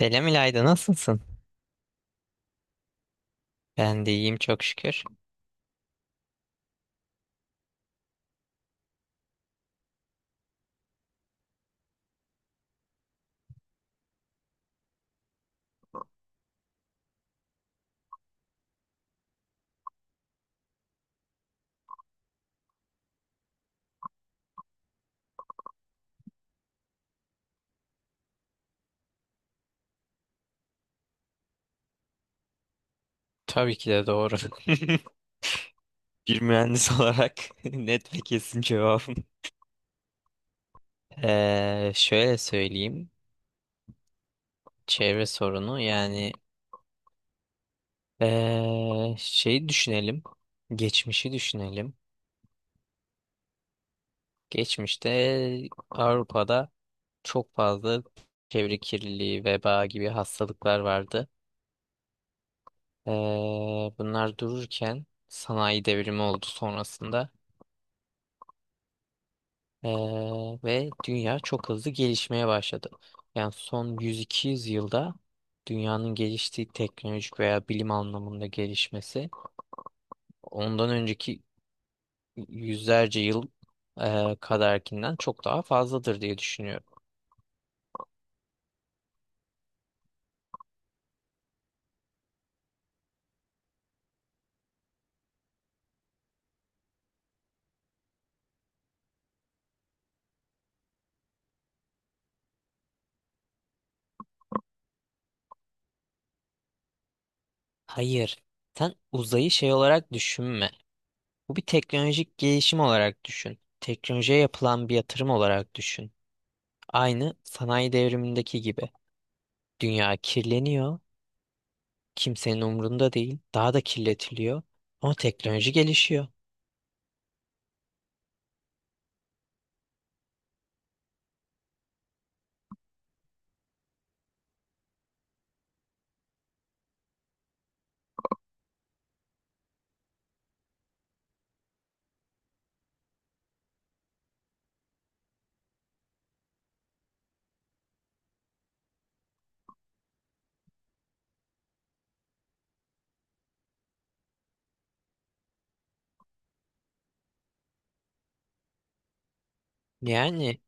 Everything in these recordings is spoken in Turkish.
Selam İlayda, nasılsın? Ben de iyiyim çok şükür. Tabii ki de doğru. Bir mühendis olarak net ve kesin cevabım. Şöyle söyleyeyim. Çevre sorunu şeyi düşünelim. Geçmişi düşünelim. Geçmişte Avrupa'da çok fazla çevre kirliliği, veba gibi hastalıklar vardı. Ee, bunlar dururken sanayi devrimi oldu sonrasında. Ee, ve dünya çok hızlı gelişmeye başladı. Yani son yüz iki yüz yılda dünyanın geliştiği teknolojik veya bilim anlamında gelişmesi ondan önceki yüzlerce yıl kadarkinden çok daha fazladır diye düşünüyorum. Hayır, sen uzayı şey olarak düşünme. Bu bir teknolojik gelişim olarak düşün. Teknolojiye yapılan bir yatırım olarak düşün. Aynı sanayi devrimindeki gibi. Dünya kirleniyor, kimsenin umrunda değil, daha da kirletiliyor. Ama teknoloji gelişiyor. Yani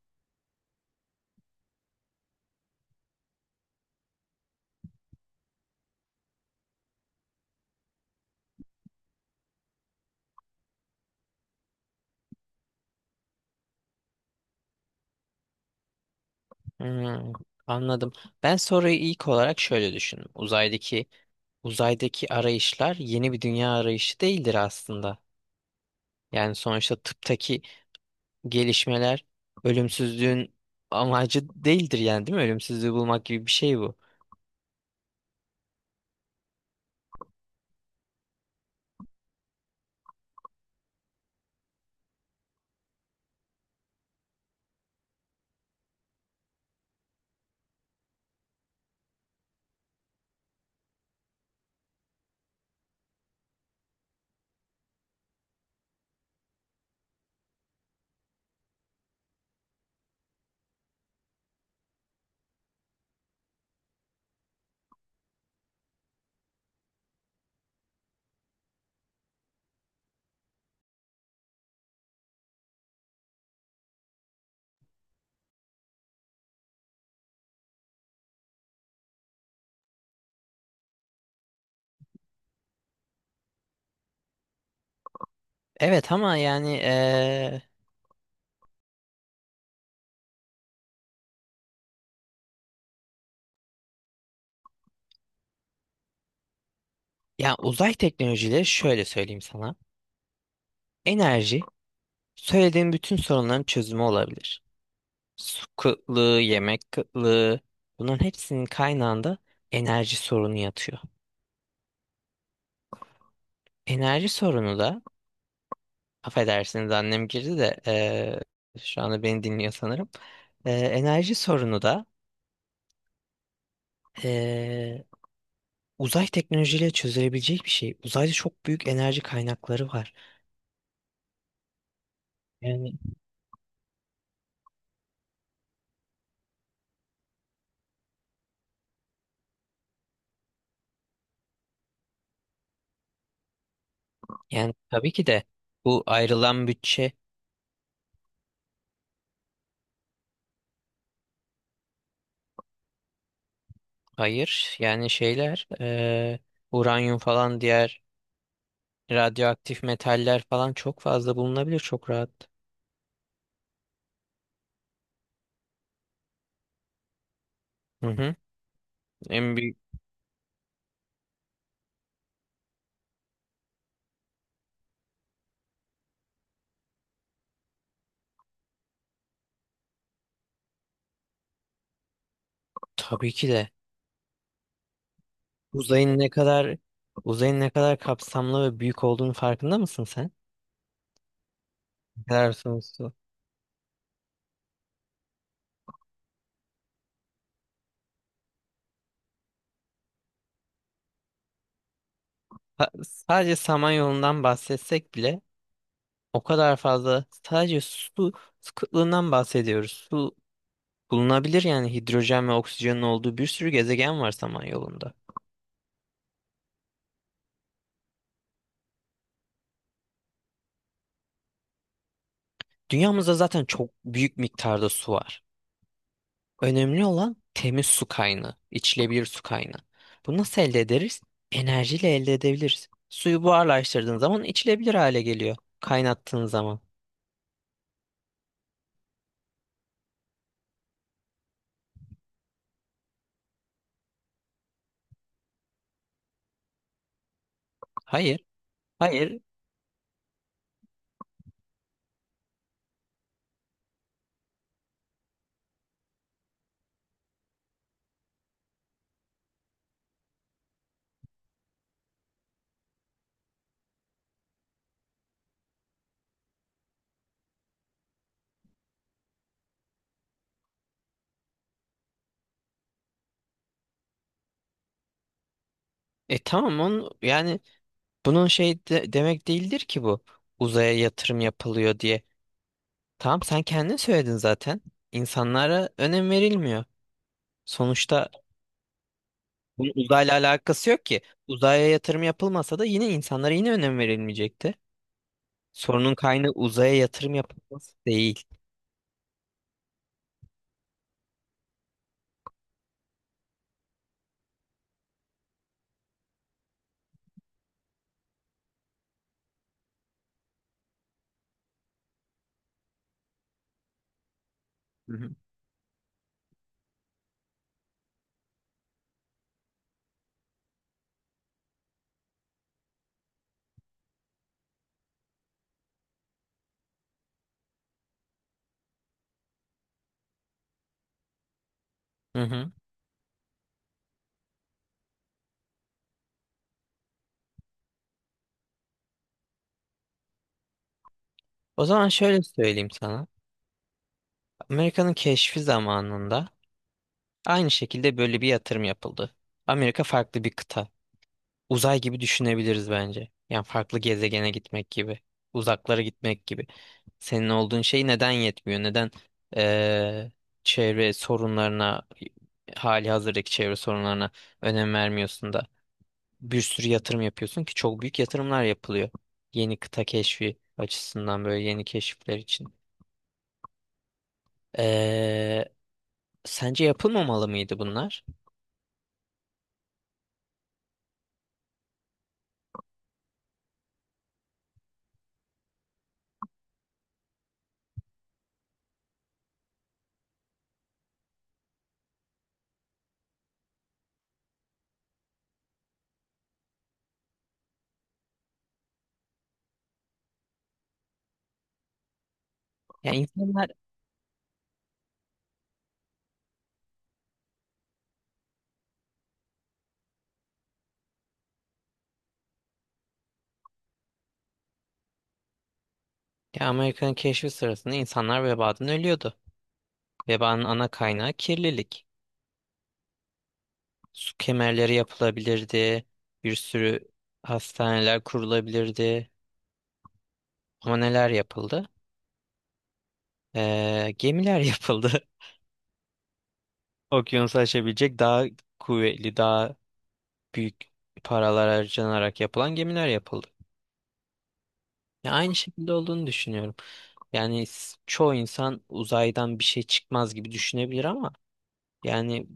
hmm, anladım. Ben soruyu ilk olarak şöyle düşündüm. Uzaydaki arayışlar yeni bir dünya arayışı değildir aslında. Yani sonuçta tıptaki gelişmeler ölümsüzlüğün amacı değildir yani değil mi? Ölümsüzlüğü bulmak gibi bir şey bu. Evet ama ya uzay teknolojileri şöyle söyleyeyim sana. Enerji söylediğin bütün sorunların çözümü olabilir. Su kıtlığı, yemek kıtlığı bunların hepsinin kaynağında enerji sorunu yatıyor. Enerji sorunu da affedersiniz annem girdi de, şu anda beni dinliyor sanırım. Enerji sorunu da eee, uzay teknolojiyle çözülebilecek bir şey. Uzayda çok büyük enerji kaynakları var. Yani yani tabii ki de bu ayrılan bütçe hayır yani şeyler, uranyum falan diğer radyoaktif metaller falan çok fazla bulunabilir çok rahat. Hı hı. En büyük tabii ki de uzayın ne kadar uzayın ne kadar kapsamlı ve büyük olduğunu farkında mısın sen? Ne kadar sonsuz. Sadece Samanyolu'ndan bahsetsek bile o kadar fazla sadece su kıtlığından bahsediyoruz. Bulunabilir yani hidrojen ve oksijenin olduğu bir sürü gezegen var Samanyolu'nda. Dünyamızda zaten çok büyük miktarda su var. Önemli olan temiz su kaynağı, içilebilir su kaynağı. Bunu nasıl elde ederiz? Enerjiyle elde edebiliriz. Suyu buharlaştırdığın zaman içilebilir hale geliyor. Kaynattığın zaman. Hayır, hayır. E tamam onu, yani bunun demek değildir ki bu. Uzaya yatırım yapılıyor diye. Tamam sen kendin söyledin zaten. İnsanlara önem verilmiyor. Sonuçta bunun uzayla alakası yok ki. Uzaya yatırım yapılmasa da yine insanlara yine önem verilmeyecekti. Sorunun kaynağı uzaya yatırım yapılması değil. Hı hı. Hı hı. O zaman şöyle söyleyeyim sana. Amerika'nın keşfi zamanında aynı şekilde böyle bir yatırım yapıldı. Amerika farklı bir kıta. Uzay gibi düşünebiliriz bence. Yani farklı gezegene gitmek gibi. Uzaklara gitmek gibi. Senin olduğun şey neden yetmiyor? Neden eee, çevre sorunlarına, hali hazırdaki çevre sorunlarına önem vermiyorsun da bir sürü yatırım yapıyorsun ki çok büyük yatırımlar yapılıyor. Yeni kıta keşfi açısından böyle yeni keşifler için. Eee, sence yapılmamalı mıydı bunlar? Yani insanlar ya Amerika'nın keşfi sırasında insanlar vebadan ölüyordu. Vebanın ana kaynağı kirlilik. Su kemerleri yapılabilirdi, bir sürü hastaneler kurulabilirdi. Ama neler yapıldı? Gemiler yapıldı. Okyanusu aşabilecek daha kuvvetli, daha büyük paralar harcanarak yapılan gemiler yapıldı. Ya aynı şekilde olduğunu düşünüyorum. Yani çoğu insan uzaydan bir şey çıkmaz gibi düşünebilir ama yani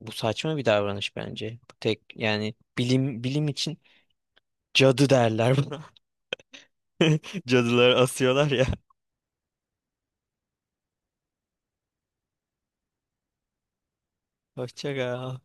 bu saçma bir davranış bence. Bu tek yani bilim için cadı derler buna. Cadılar asıyorlar ya. Hoşça kal.